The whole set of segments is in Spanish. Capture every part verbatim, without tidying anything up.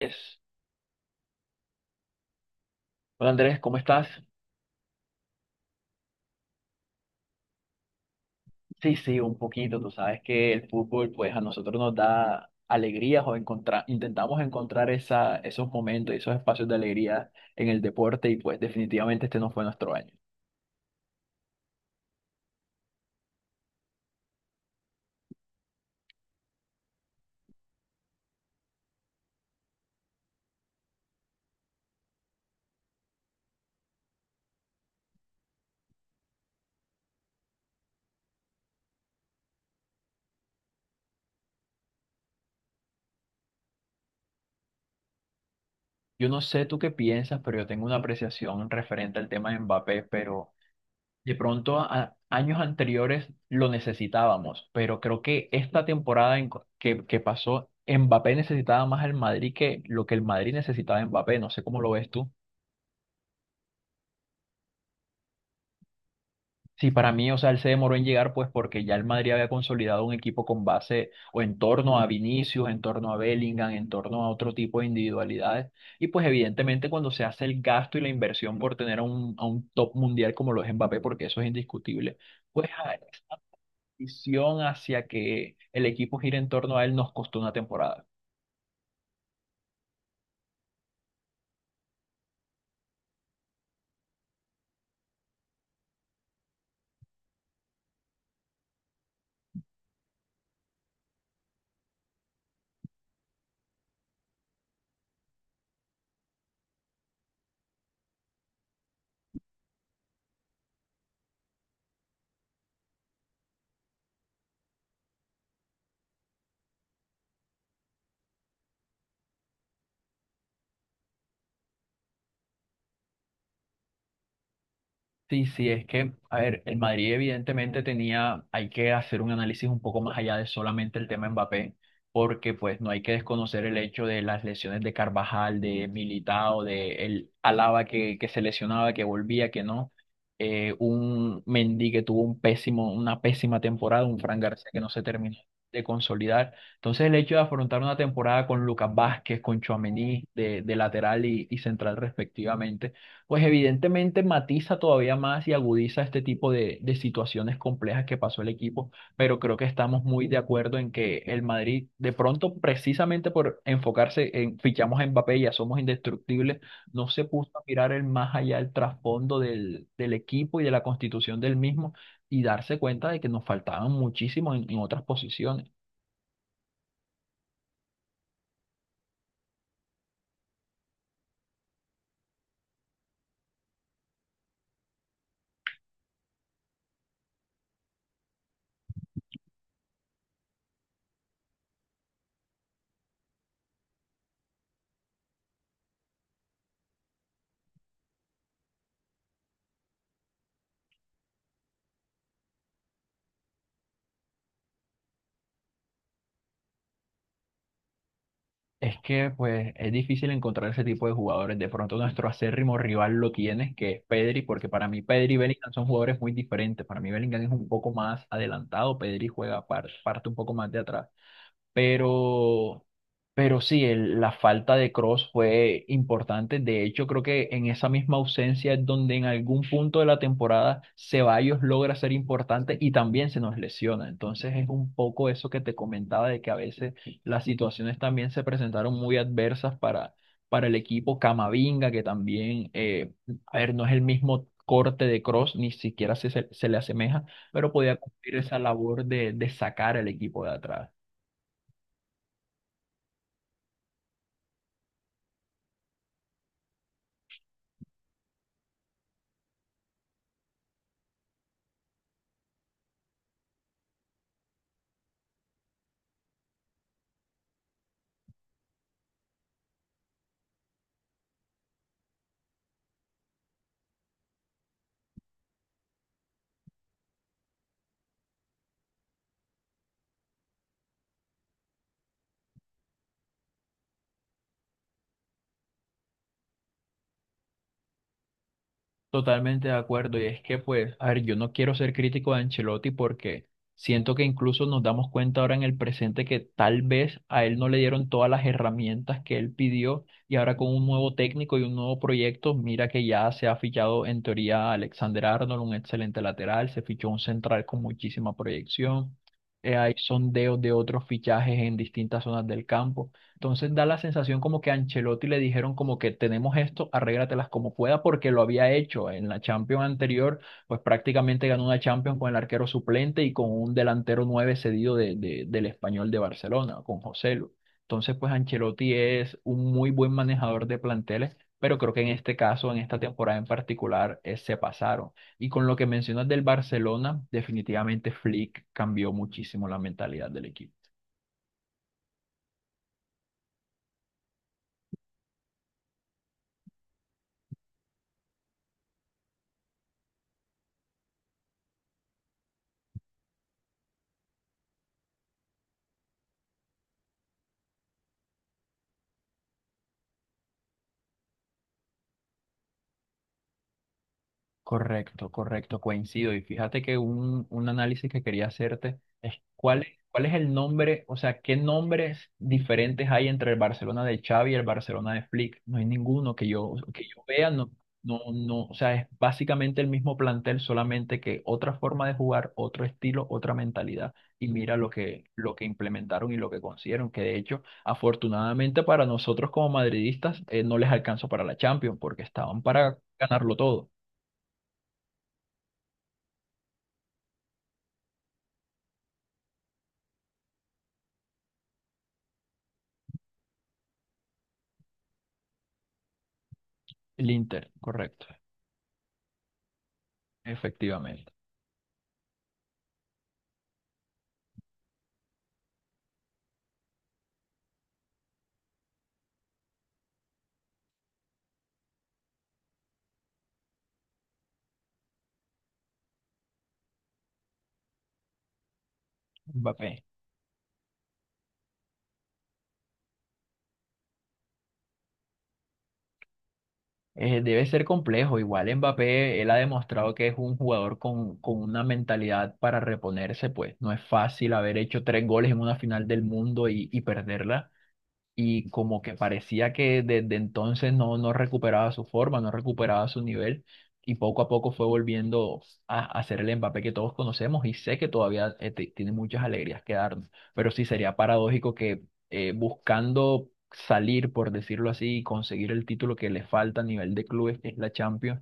Es- Hola Andrés, ¿cómo estás? Sí, sí, un poquito. Tú sabes que el fútbol, pues a nosotros nos da alegrías o encontrar, intentamos encontrar esa, esos momentos, esos espacios de alegría en el deporte y pues definitivamente este no fue nuestro año. Yo no sé tú qué piensas, pero yo tengo una apreciación referente al tema de Mbappé, pero de pronto a, a años anteriores lo necesitábamos, pero creo que esta temporada en co- que, que pasó, Mbappé necesitaba más al Madrid que lo que el Madrid necesitaba a Mbappé. No sé cómo lo ves tú. Sí, para mí, o sea, él se demoró en llegar, pues porque ya el Madrid había consolidado un equipo con base o en torno a Vinicius, en torno a Bellingham, en torno a otro tipo de individualidades. Y pues evidentemente cuando se hace el gasto y la inversión por tener a un, a un top mundial como lo es Mbappé, porque eso es indiscutible, pues la decisión hacia que el equipo gire en torno a él nos costó una temporada. Sí, sí, es que, a ver, el Madrid evidentemente tenía, hay que hacer un análisis un poco más allá de solamente el tema Mbappé, porque pues no hay que desconocer el hecho de las lesiones de Carvajal, de Militao, de el Alaba que, que se lesionaba, que volvía, que no, eh, un Mendy que tuvo un pésimo, una pésima temporada, un Fran García que no se terminó de consolidar. Entonces el hecho de afrontar una temporada con Lucas Vázquez, con Tchouaméni de, de lateral y y central respectivamente pues evidentemente matiza todavía más y agudiza este tipo de, de situaciones complejas que pasó el equipo, pero creo que estamos muy de acuerdo en que el Madrid, de pronto, precisamente por enfocarse en fichamos a Mbappé, ya somos indestructibles, no se puso a mirar el más allá el trasfondo del, del equipo y de la constitución del mismo y darse cuenta de que nos faltaban muchísimo en en otras posiciones. Es que pues es difícil encontrar ese tipo de jugadores. De pronto nuestro acérrimo rival lo tiene, que es Pedri, porque para mí Pedri y Bellingham son jugadores muy diferentes. Para mí Bellingham es un poco más adelantado, Pedri juega par- parte un poco más de atrás. Pero, pero sí, el- la falta de Cross fue importante. De hecho, creo que en esa misma ausencia es donde en algún punto de la temporada Ceballos logra ser importante y también se nos lesiona. Entonces es un poco eso que te comentaba de que a veces las situaciones también se presentaron muy adversas para, para el equipo Camavinga, que también, eh, a ver, no es el mismo corte de Cross, ni siquiera se, se, se le asemeja, pero podía cumplir esa labor de, de sacar al equipo de atrás. Totalmente de acuerdo, y es que pues, a ver, yo no quiero ser crítico de Ancelotti porque siento que incluso nos damos cuenta ahora en el presente que tal vez a él no le dieron todas las herramientas que él pidió y ahora con un nuevo técnico y un nuevo proyecto, mira que ya se ha fichado en teoría a Alexander Arnold, un excelente lateral, se fichó un central con muchísima proyección, eh, hay sondeos de otros fichajes en distintas zonas del campo. Entonces da la sensación como que a Ancelotti le dijeron como que tenemos esto, arréglatelas como pueda, porque lo había hecho en la Champions anterior, pues prácticamente ganó una Champions con el arquero suplente y con un delantero nueve cedido de- de- del Español de Barcelona, con Joselu. Entonces, pues Ancelotti es un muy buen manejador de planteles, pero creo que en este caso, en esta temporada en particular, eh, se pasaron. Y con lo que mencionas del Barcelona, definitivamente Flick cambió muchísimo la mentalidad del equipo. Correcto, correcto, coincido. Y fíjate que un, un análisis que quería hacerte es cuál, es- cuál es el nombre, o sea, qué nombres diferentes hay entre el Barcelona de Xavi y el Barcelona de Flick. No hay ninguno que yo, que yo vea, no, no, no, o sea, es básicamente el mismo plantel, solamente que otra forma de jugar, otro estilo, otra mentalidad. Y mira lo que, lo que implementaron y lo que consiguieron, que de hecho, afortunadamente para nosotros como madridistas, eh, no les alcanzó para la Champions, porque estaban para ganarlo todo. El Inter, correcto, efectivamente. Mbappé. Eh, debe ser complejo. Igual Mbappé, él ha demostrado que es un jugador con, con una mentalidad para reponerse, pues no es fácil haber hecho tres goles en una final del mundo y, y perderla. Y como que parecía que desde entonces no, no recuperaba su forma, no recuperaba su nivel y poco a poco fue volviendo a, a ser el Mbappé que todos conocemos y sé que todavía eh, te- tiene muchas alegrías que darnos, pero sí sería paradójico que eh, buscando salir, por decirlo así, y conseguir el título que le falta a nivel de clubes, que es la Champions,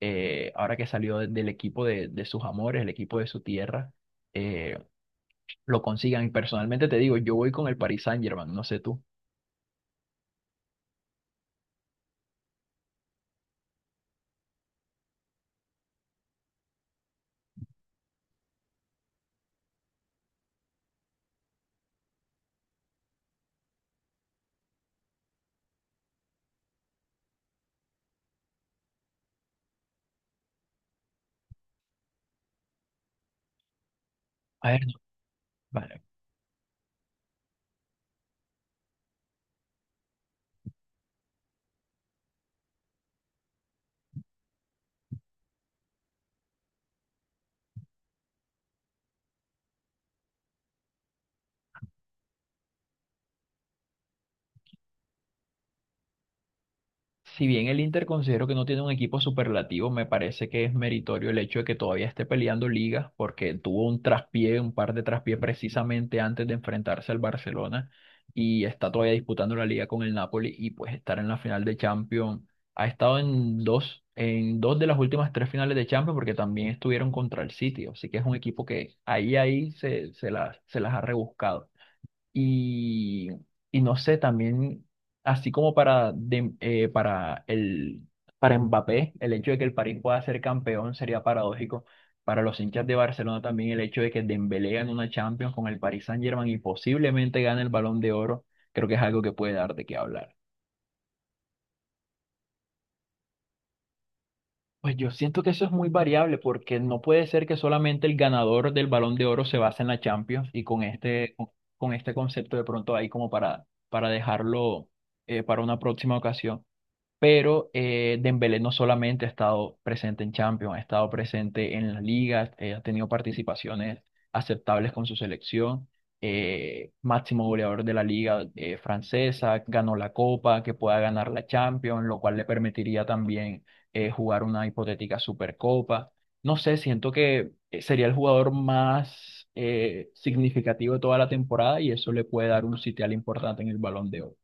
eh, ahora que salió de- del equipo de, de sus amores, el equipo de su tierra, eh, lo consigan. Y personalmente te digo, yo voy con el Paris Saint-Germain, no sé tú. Vale. Si bien el Inter considero que no tiene un equipo superlativo, me parece que es meritorio el hecho de que todavía esté peleando ligas, porque tuvo un traspié, un par de traspiés precisamente antes de enfrentarse al Barcelona y está todavía disputando la liga con el Napoli y pues estar en la final de Champions. Ha estado en dos, en dos de las últimas tres finales de Champions porque también estuvieron contra el City, así que es un equipo que ahí, ahí se, se las, se las ha rebuscado. Y, y no sé, también, así como para, Dem- eh, para, el, para Mbappé, el hecho de que el París pueda ser campeón sería paradójico. Para los hinchas de Barcelona también el hecho de que Dembélé gane una Champions con el Paris Saint-Germain y posiblemente gane el Balón de Oro, creo que es algo que puede dar de qué hablar. Pues yo siento que eso es muy variable porque no puede ser que solamente el ganador del Balón de Oro se base en la Champions y con este, con este concepto de pronto ahí como para, para dejarlo eh, para una próxima ocasión. Pero eh, Dembélé no solamente ha estado presente en Champions, ha estado presente en las ligas, eh, ha tenido participaciones aceptables con su selección, eh, máximo goleador de la liga eh, francesa, ganó la Copa, que pueda ganar la Champions, lo cual le permitiría también eh, jugar una hipotética Supercopa. No sé, siento que eh, sería el jugador más eh, significativo de toda la temporada y eso le puede dar un sitial importante en el Balón de Oro.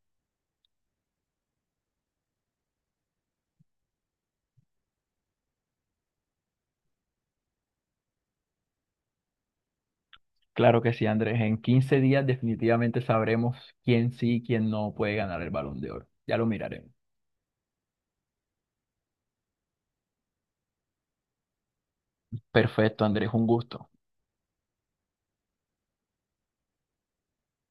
Claro que sí, Andrés. En quince días definitivamente sabremos quién sí y quién no puede ganar el Balón de Oro. Ya lo miraremos. Perfecto, Andrés, un gusto.